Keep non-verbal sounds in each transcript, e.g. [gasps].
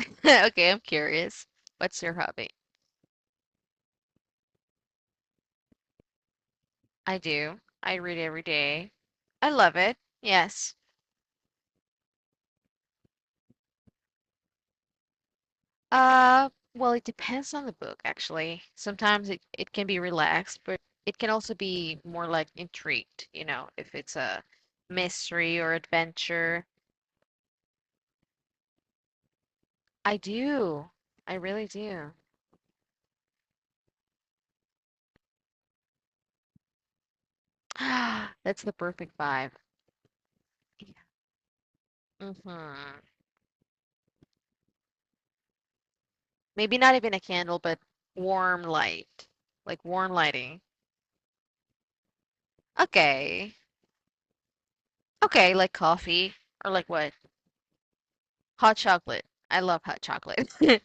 [laughs] Okay, I'm curious. What's your hobby? I do. I read every day. I love it. Yes. Uh, well, it depends on the book, actually. Sometimes it can be relaxed, but it can also be more like intrigued, you know, if it's a mystery or adventure. I do. I really do. [gasps] That's the perfect vibe. Mm-hmm. Maybe not even a candle, but warm light, like warm lighting. Okay. Okay, like coffee or like what? Hot chocolate. I love hot chocolate. [laughs]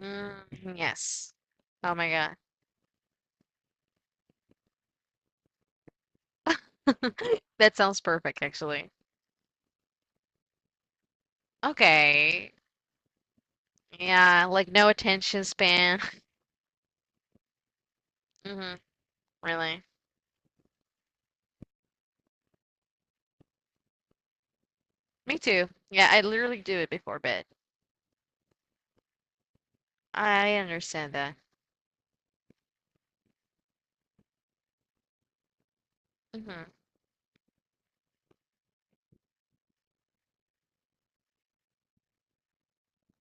Mm, yes. Oh my God. [laughs] That sounds perfect, actually. Okay. Yeah, like no attention span. [laughs] hmm Really. Me too. Yeah, I literally do it before bed. I understand that. Hmm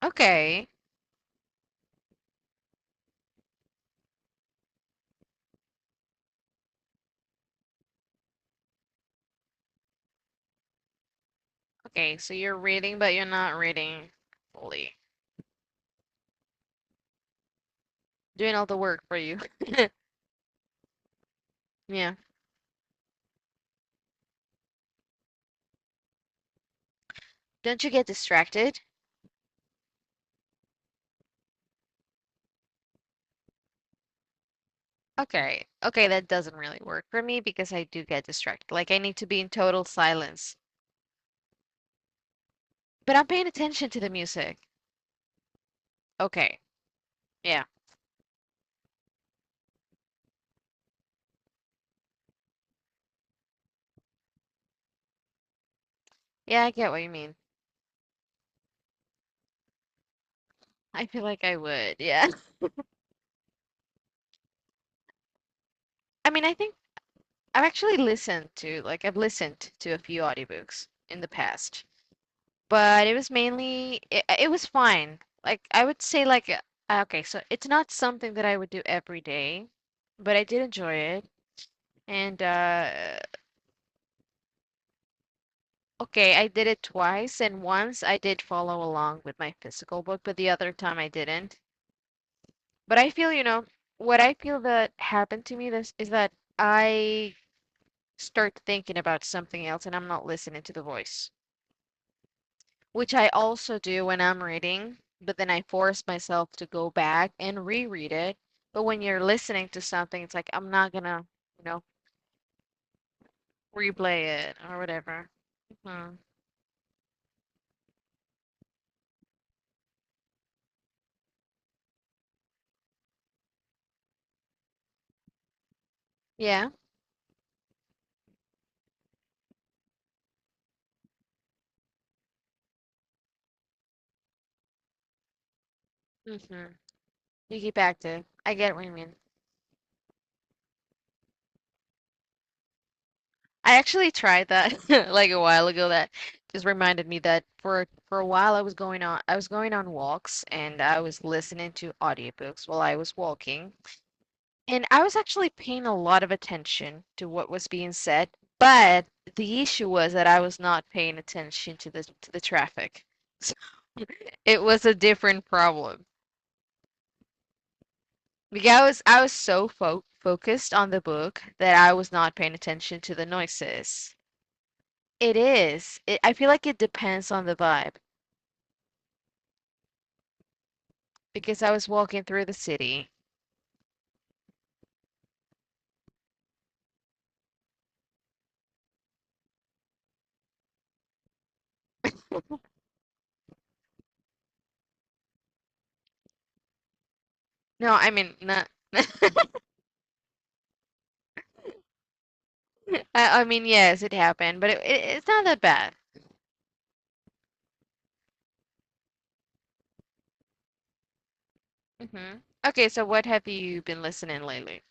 Okay. Okay, so you're reading, but you're not reading fully. Doing all the work for you. [laughs] Yeah. Don't you get distracted? Okay. Okay, that doesn't really work for me because I do get distracted. Like I need to be in total silence. But I'm paying attention to the music. Okay. Yeah. Yeah, I get what you mean. [laughs] I feel like I would. Yeah. [laughs] I mean, I think I've actually listened to like I've listened to a few audiobooks in the past, but it was mainly it was fine. Like I would say okay, so it's not something that I would do every day, but I did enjoy it. And Okay, I did it twice, and once I did follow along with my physical book, but the other time I didn't. But I feel, you know, what I feel that happened to me this is that I start thinking about something else and I'm not listening to the voice, which I also do when I'm reading, but then I force myself to go back and reread it. But when you're listening to something, it's like I'm not gonna, you know, replay it or whatever. Hmm Yeah. hmm You keep active. I get what you mean. I actually tried that [laughs] like a while ago. That just reminded me that for a while I was going on walks and I was listening to audiobooks while I was walking. And I was actually paying a lot of attention to what was being said, but the issue was that I was not paying attention to the traffic. So [laughs] it was a different problem. Like I was so fo focused on the book that I was not paying attention to the noises. It is. I feel like it depends on the vibe because I was walking through the city. No, I mean not. [laughs] I mean yes, it happened, but it's not that bad. Hmm Okay, so what have you been listening lately?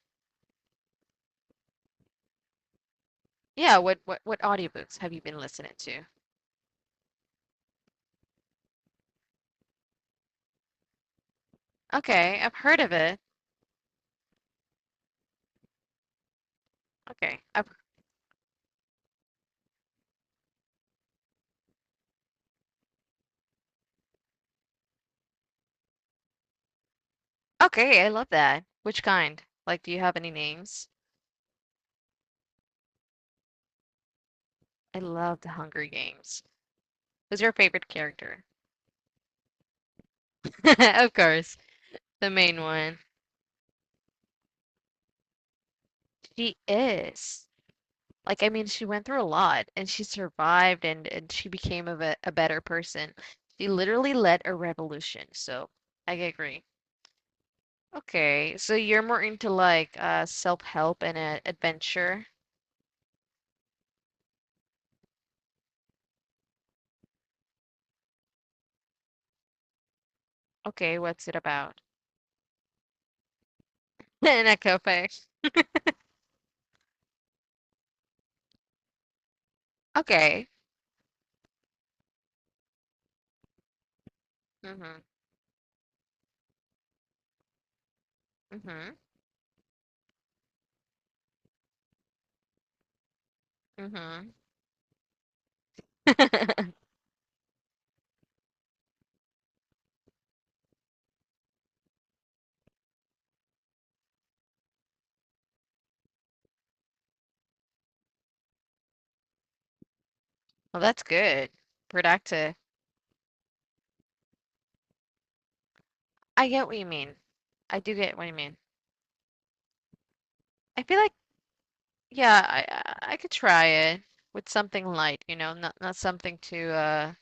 Yeah, what audiobooks have you been listening to? Okay, I've heard of it. Okay, I've, okay, I love that. Which kind? Like, do you have any names? I love The Hunger Games. Who's your favorite character? [laughs] Of course, the main one. She is. Like, I mean, she went through a lot and she survived and she became a better person. She literally led a revolution. So I agree. Okay, so you're more into like self-help and adventure. Okay, what's it about? [laughs] And a cafe. Okay. Mhm. Mhm. Mhm. [laughs] Well, that's good. Productive. I get what you mean. I do get what you mean. I feel like yeah, I could try it with something light, you know, not something too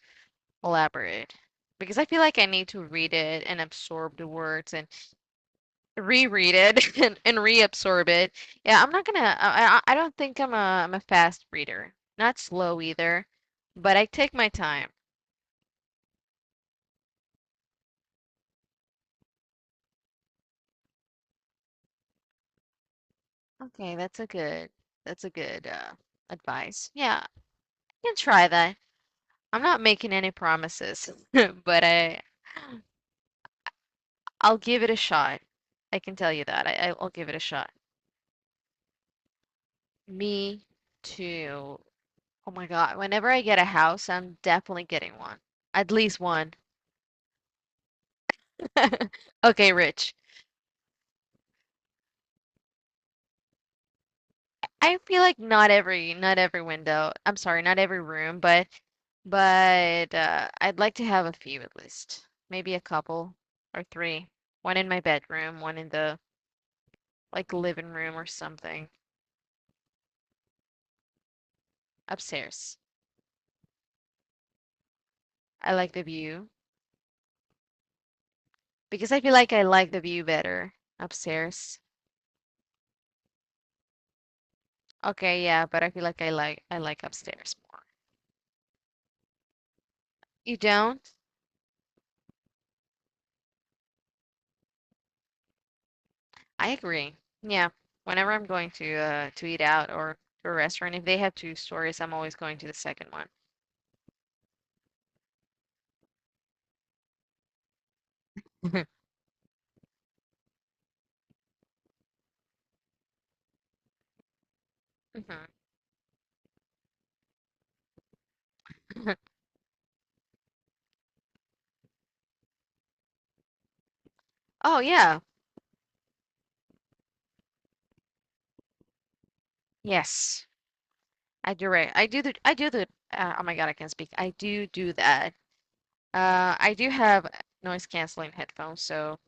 elaborate. Because I feel like I need to read it and absorb the words and reread it [laughs] and reabsorb it. Yeah, I don't think I'm a fast reader. Not slow either, but I take my time. Okay, that's a good that's a good uh advice. Yeah, I can try that. I'm not making any promises, [laughs] but I'll give it a shot. I can tell you that. I'll give it a shot. Me too. Oh my God. Whenever I get a house, I'm definitely getting one. At least one. [laughs] Okay, Rich. I feel like not every window. I'm sorry, not every room, but I'd like to have a few at least. Maybe a couple or three. One in my bedroom, one in the like living room or something upstairs. I like the view because I feel like I like the view better upstairs. Okay, yeah, but I feel like I like upstairs more. You don't? I agree. Yeah. Whenever I'm going to eat out or to a restaurant, if they have two stories, I'm always going to the second one. [laughs] Mhm. [laughs] Oh yeah. Yes. I do right. I do the oh my God, I can't speak. I do do that. Uh, I do have noise canceling headphones, so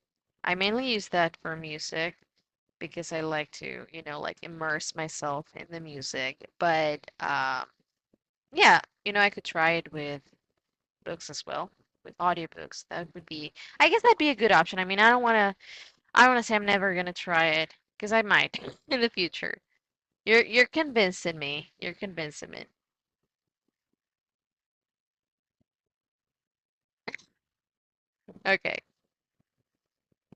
I mainly use that for music because I like to, you know, like immerse myself in the music. But yeah, you know, I could try it with books as well with audiobooks. That would be I guess that'd be a good option. I mean, I don't want to say I'm never going to try it because I might [laughs] in the future. You're convincing me. You're convincing me. Okay.